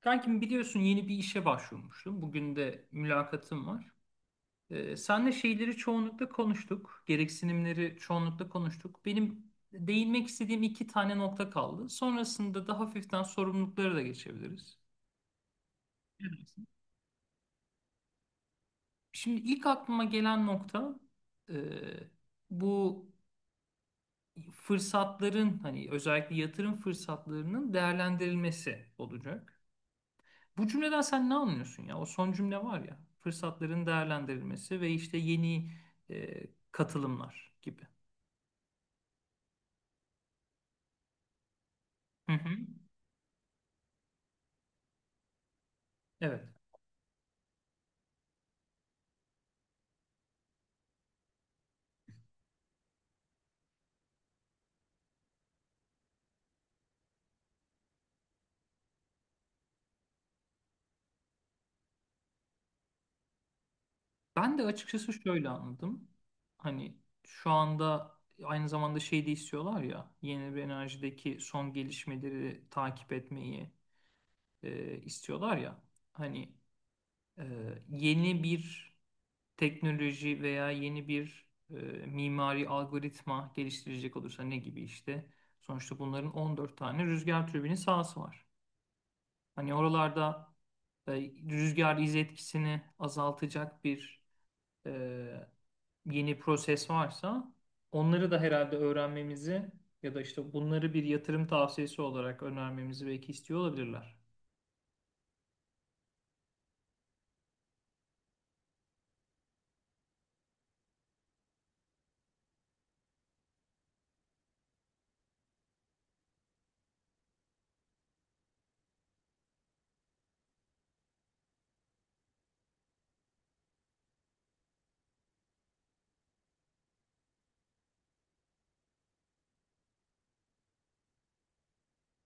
Kankim biliyorsun yeni bir işe başvurmuştum. Bugün de mülakatım var. Senle şeyleri çoğunlukla konuştuk. Gereksinimleri çoğunlukla konuştuk. Benim değinmek istediğim iki tane nokta kaldı. Sonrasında da hafiften sorumluluklara da geçebiliriz. Ne? Şimdi ilk aklıma gelen nokta e, bu fırsatların hani özellikle yatırım fırsatlarının değerlendirilmesi olacak. Bu cümleden sen ne anlıyorsun ya? O son cümle var ya. Fırsatların değerlendirilmesi ve işte yeni e, katılımlar gibi. Hı hı. Evet. Ben de açıkçası şöyle anladım. Hani şu anda aynı zamanda şey de istiyorlar ya. Yenilenebilir enerjideki son gelişmeleri takip etmeyi istiyorlar ya. Hani e, yeni bir teknoloji veya yeni bir mimari algoritma geliştirecek olursa ne gibi işte. Sonuçta bunların 14 tane rüzgar türbini sahası var. Hani oralarda e, rüzgar iz etkisini azaltacak bir e, yeni proses varsa onları da herhalde öğrenmemizi ya da işte bunları bir yatırım tavsiyesi olarak önermemizi belki istiyor olabilirler.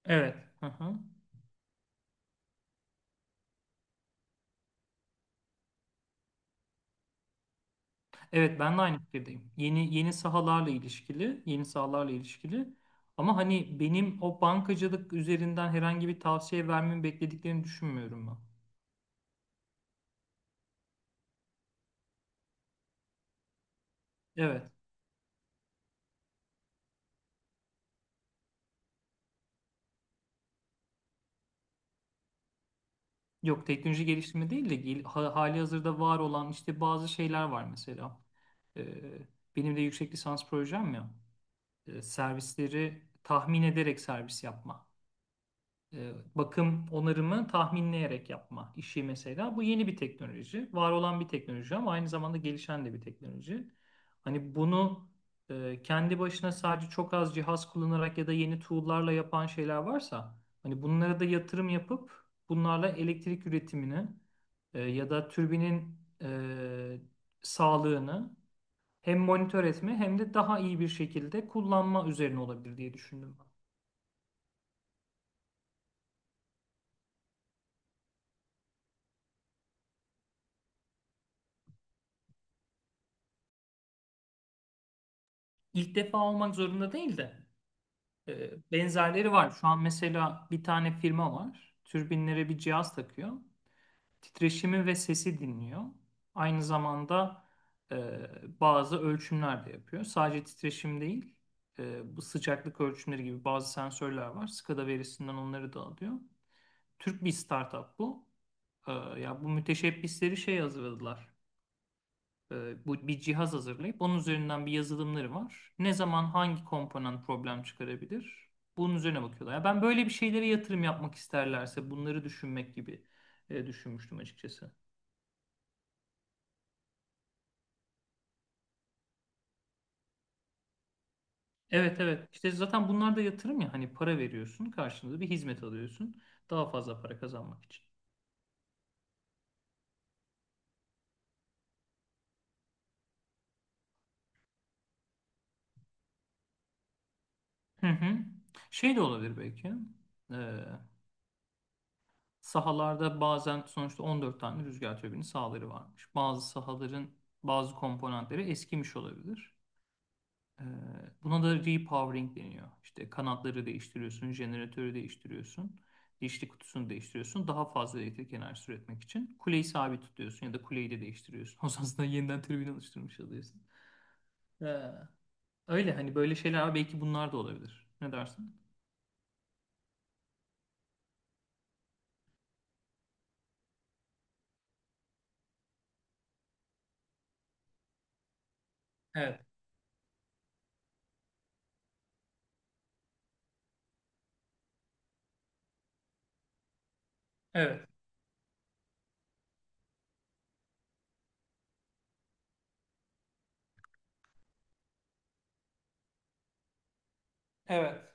Evet. Hı hı. Evet, ben de aynı fikirdeyim. Yeni yeni sahalarla ilişkili, yeni sahalarla ilişkili. Ama hani benim o bankacılık üzerinden herhangi bir tavsiye vermemi beklediklerini düşünmüyorum ben. Evet. Yok, teknoloji geliştirme değil de hali hazırda var olan işte bazı şeyler var mesela. Ee, Benim de yüksek lisans projem ya. Servisleri tahmin ederek servis yapma. Bakım onarımı tahminleyerek yapma işi mesela. Bu yeni bir teknoloji. Var olan bir teknoloji ama aynı zamanda gelişen de bir teknoloji. Hani bunu kendi başına sadece çok az cihaz kullanarak ya da yeni tool'larla yapan şeyler varsa hani bunlara da yatırım yapıp bunlarla elektrik üretimini ya da türbinin e, sağlığını hem monitör etme hem de daha iyi bir şekilde kullanma üzerine olabilir diye düşündüm ben. İlk defa olmak zorunda değil de benzerleri var. Şu an mesela bir tane firma var. Türbinlere bir cihaz takıyor. Titreşimi ve sesi dinliyor. Aynı zamanda e, bazı ölçümler de yapıyor. Sadece titreşim değil, bu sıcaklık ölçümleri gibi bazı sensörler var. SCADA verisinden onları da alıyor. Türk bir startup bu. E, ya bu müteşebbisleri şey hazırladılar bu bir cihaz hazırlayıp onun üzerinden bir yazılımları var. Ne zaman hangi komponent problem çıkarabilir? Bunun üzerine bakıyorlar. Ya ben böyle bir şeylere yatırım yapmak isterlerse bunları düşünmek gibi düşünmüştüm açıkçası. Evet, evet. İşte zaten bunlar da yatırım ya, hani para veriyorsun, karşılığında bir hizmet alıyorsun daha fazla para kazanmak için. Hı hı. Şey de olabilir belki. Ee, Sahalarda bazen sonuçta 14 tane rüzgar türbini sahaları varmış. Bazı sahaların bazı komponentleri eskimiş olabilir. Ee, Buna da repowering deniyor. İşte kanatları değiştiriyorsun, jeneratörü değiştiriyorsun, dişli kutusunu değiştiriyorsun. Daha fazla elektrik enerjisi üretmek için kuleyi sabit tutuyorsun ya da kuleyi de değiştiriyorsun. O zaman aslında yeniden türbin alıştırmış oluyorsun. Ee, Öyle hani böyle şeyler belki bunlar da olabilir. Ne dersin? Evet, evet, evet.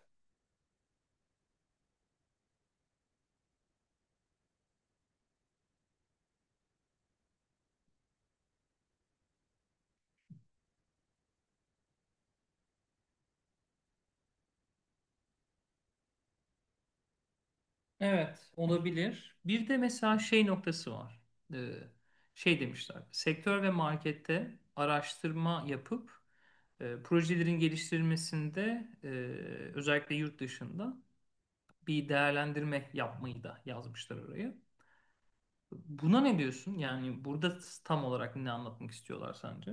Evet, olabilir. Bir de mesela şey noktası var. Ee, Şey demişler. Sektör ve markette araştırma yapıp projelerin geliştirilmesinde özellikle yurt dışında bir değerlendirme yapmayı da yazmışlar oraya. Buna ne diyorsun? Yani burada tam olarak ne anlatmak istiyorlar sence?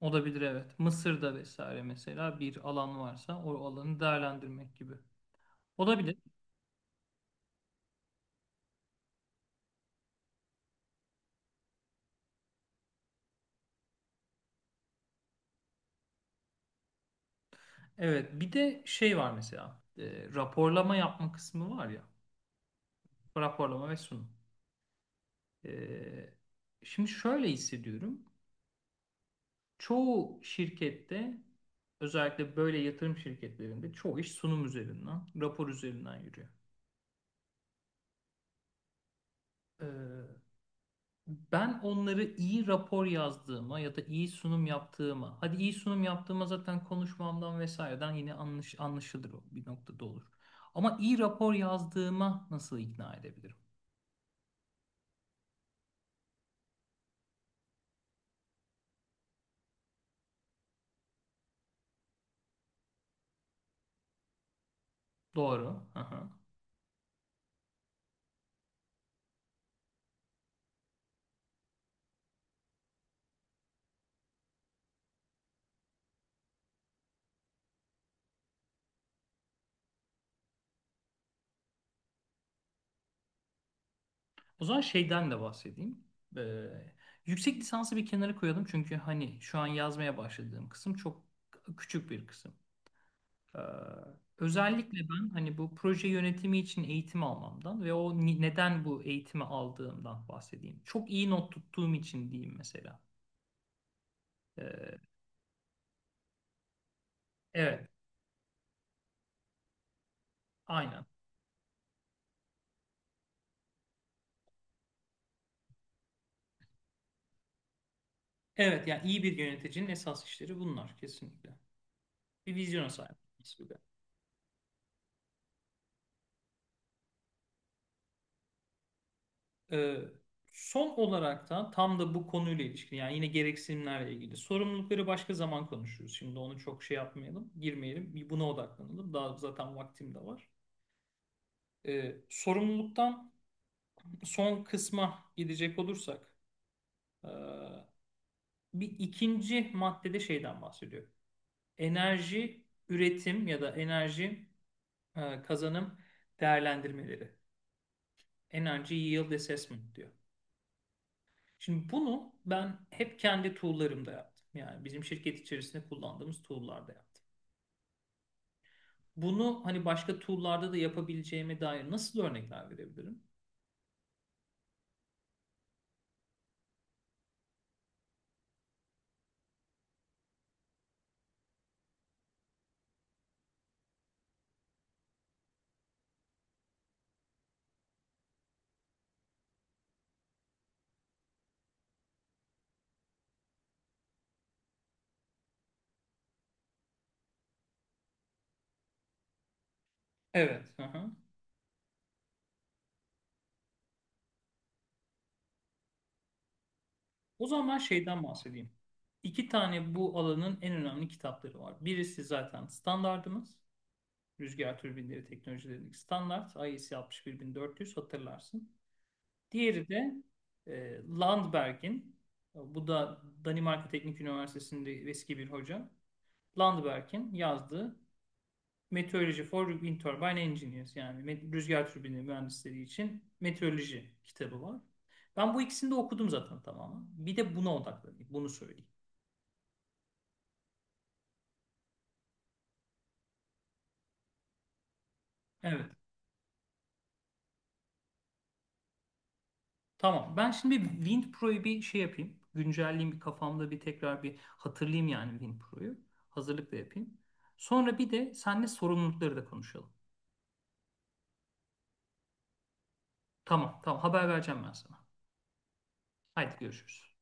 Olabilir, evet. Mısır'da vesaire mesela bir alan varsa o alanı değerlendirmek gibi. Olabilir. Evet, bir de şey var mesela, raporlama yapma kısmı var ya, raporlama ve sunum. E, şimdi şöyle hissediyorum, çoğu şirkette özellikle böyle yatırım şirketlerinde çoğu iş sunum üzerinden rapor üzerinden yürüyor. E, ben onları iyi rapor yazdığıma ya da iyi sunum yaptığıma, hadi iyi sunum yaptığıma zaten konuşmamdan vesaireden yine anlaşılır o bir noktada olur. Ama iyi rapor yazdığıma nasıl ikna edebilirim? Doğru. Hı hı. O zaman şeyden de bahsedeyim. Ee, Yüksek lisansı bir kenara koyalım çünkü hani şu an yazmaya başladığım kısım çok küçük bir kısım. Ee, Özellikle ben hani bu proje yönetimi için eğitim almamdan ve o neden bu eğitimi aldığımdan bahsedeyim. Çok iyi not tuttuğum için diyeyim mesela. Ee, evet, aynen. Evet, yani iyi bir yöneticinin esas işleri bunlar kesinlikle. Bir vizyona sahip olması. Ee, son olarak da tam da bu konuyla ilişkin yani yine gereksinimlerle ilgili sorumlulukları başka zaman konuşuruz. Şimdi onu çok şey yapmayalım, girmeyelim. Bir buna odaklanalım. Daha zaten vaktim de var. Sorumluluktan son kısma gidecek olursak ee, bir ikinci maddede şeyden bahsediyor. Enerji üretim ya da enerji kazanım değerlendirmeleri. Energy Yield Assessment diyor. Şimdi bunu ben hep kendi tool'larımda yaptım. Yani bizim şirket içerisinde kullandığımız tool'larda yaptım. Bunu hani başka tool'larda da yapabileceğime dair nasıl örnekler verebilirim? Evet. Hı hı. O zaman ben şeyden bahsedeyim. İki tane bu alanın en önemli kitapları var. Birisi zaten standardımız. Rüzgar türbinleri teknolojilerindeki standart. IEC 61400 hatırlarsın. Diğeri de Landberg'in. Bu da Danimarka Teknik Üniversitesi'nde eski bir hoca. Landberg'in yazdığı Meteorology for Wind Turbine Engineers, yani rüzgar türbini mühendisleri için meteoroloji kitabı var. Ben bu ikisini de okudum zaten tamamen. Bir de buna odaklanayım. Bunu söyleyeyim. Evet. Tamam. Ben şimdi bir Wind Pro'yu bir şey yapayım. Güncelleyeyim bir kafamda bir tekrar bir hatırlayayım yani Wind Pro'yu. Hazırlık da yapayım. Sonra bir de seninle sorumlulukları da konuşalım. Tamam. Tamam. Haber vereceğim ben sana. Haydi görüşürüz.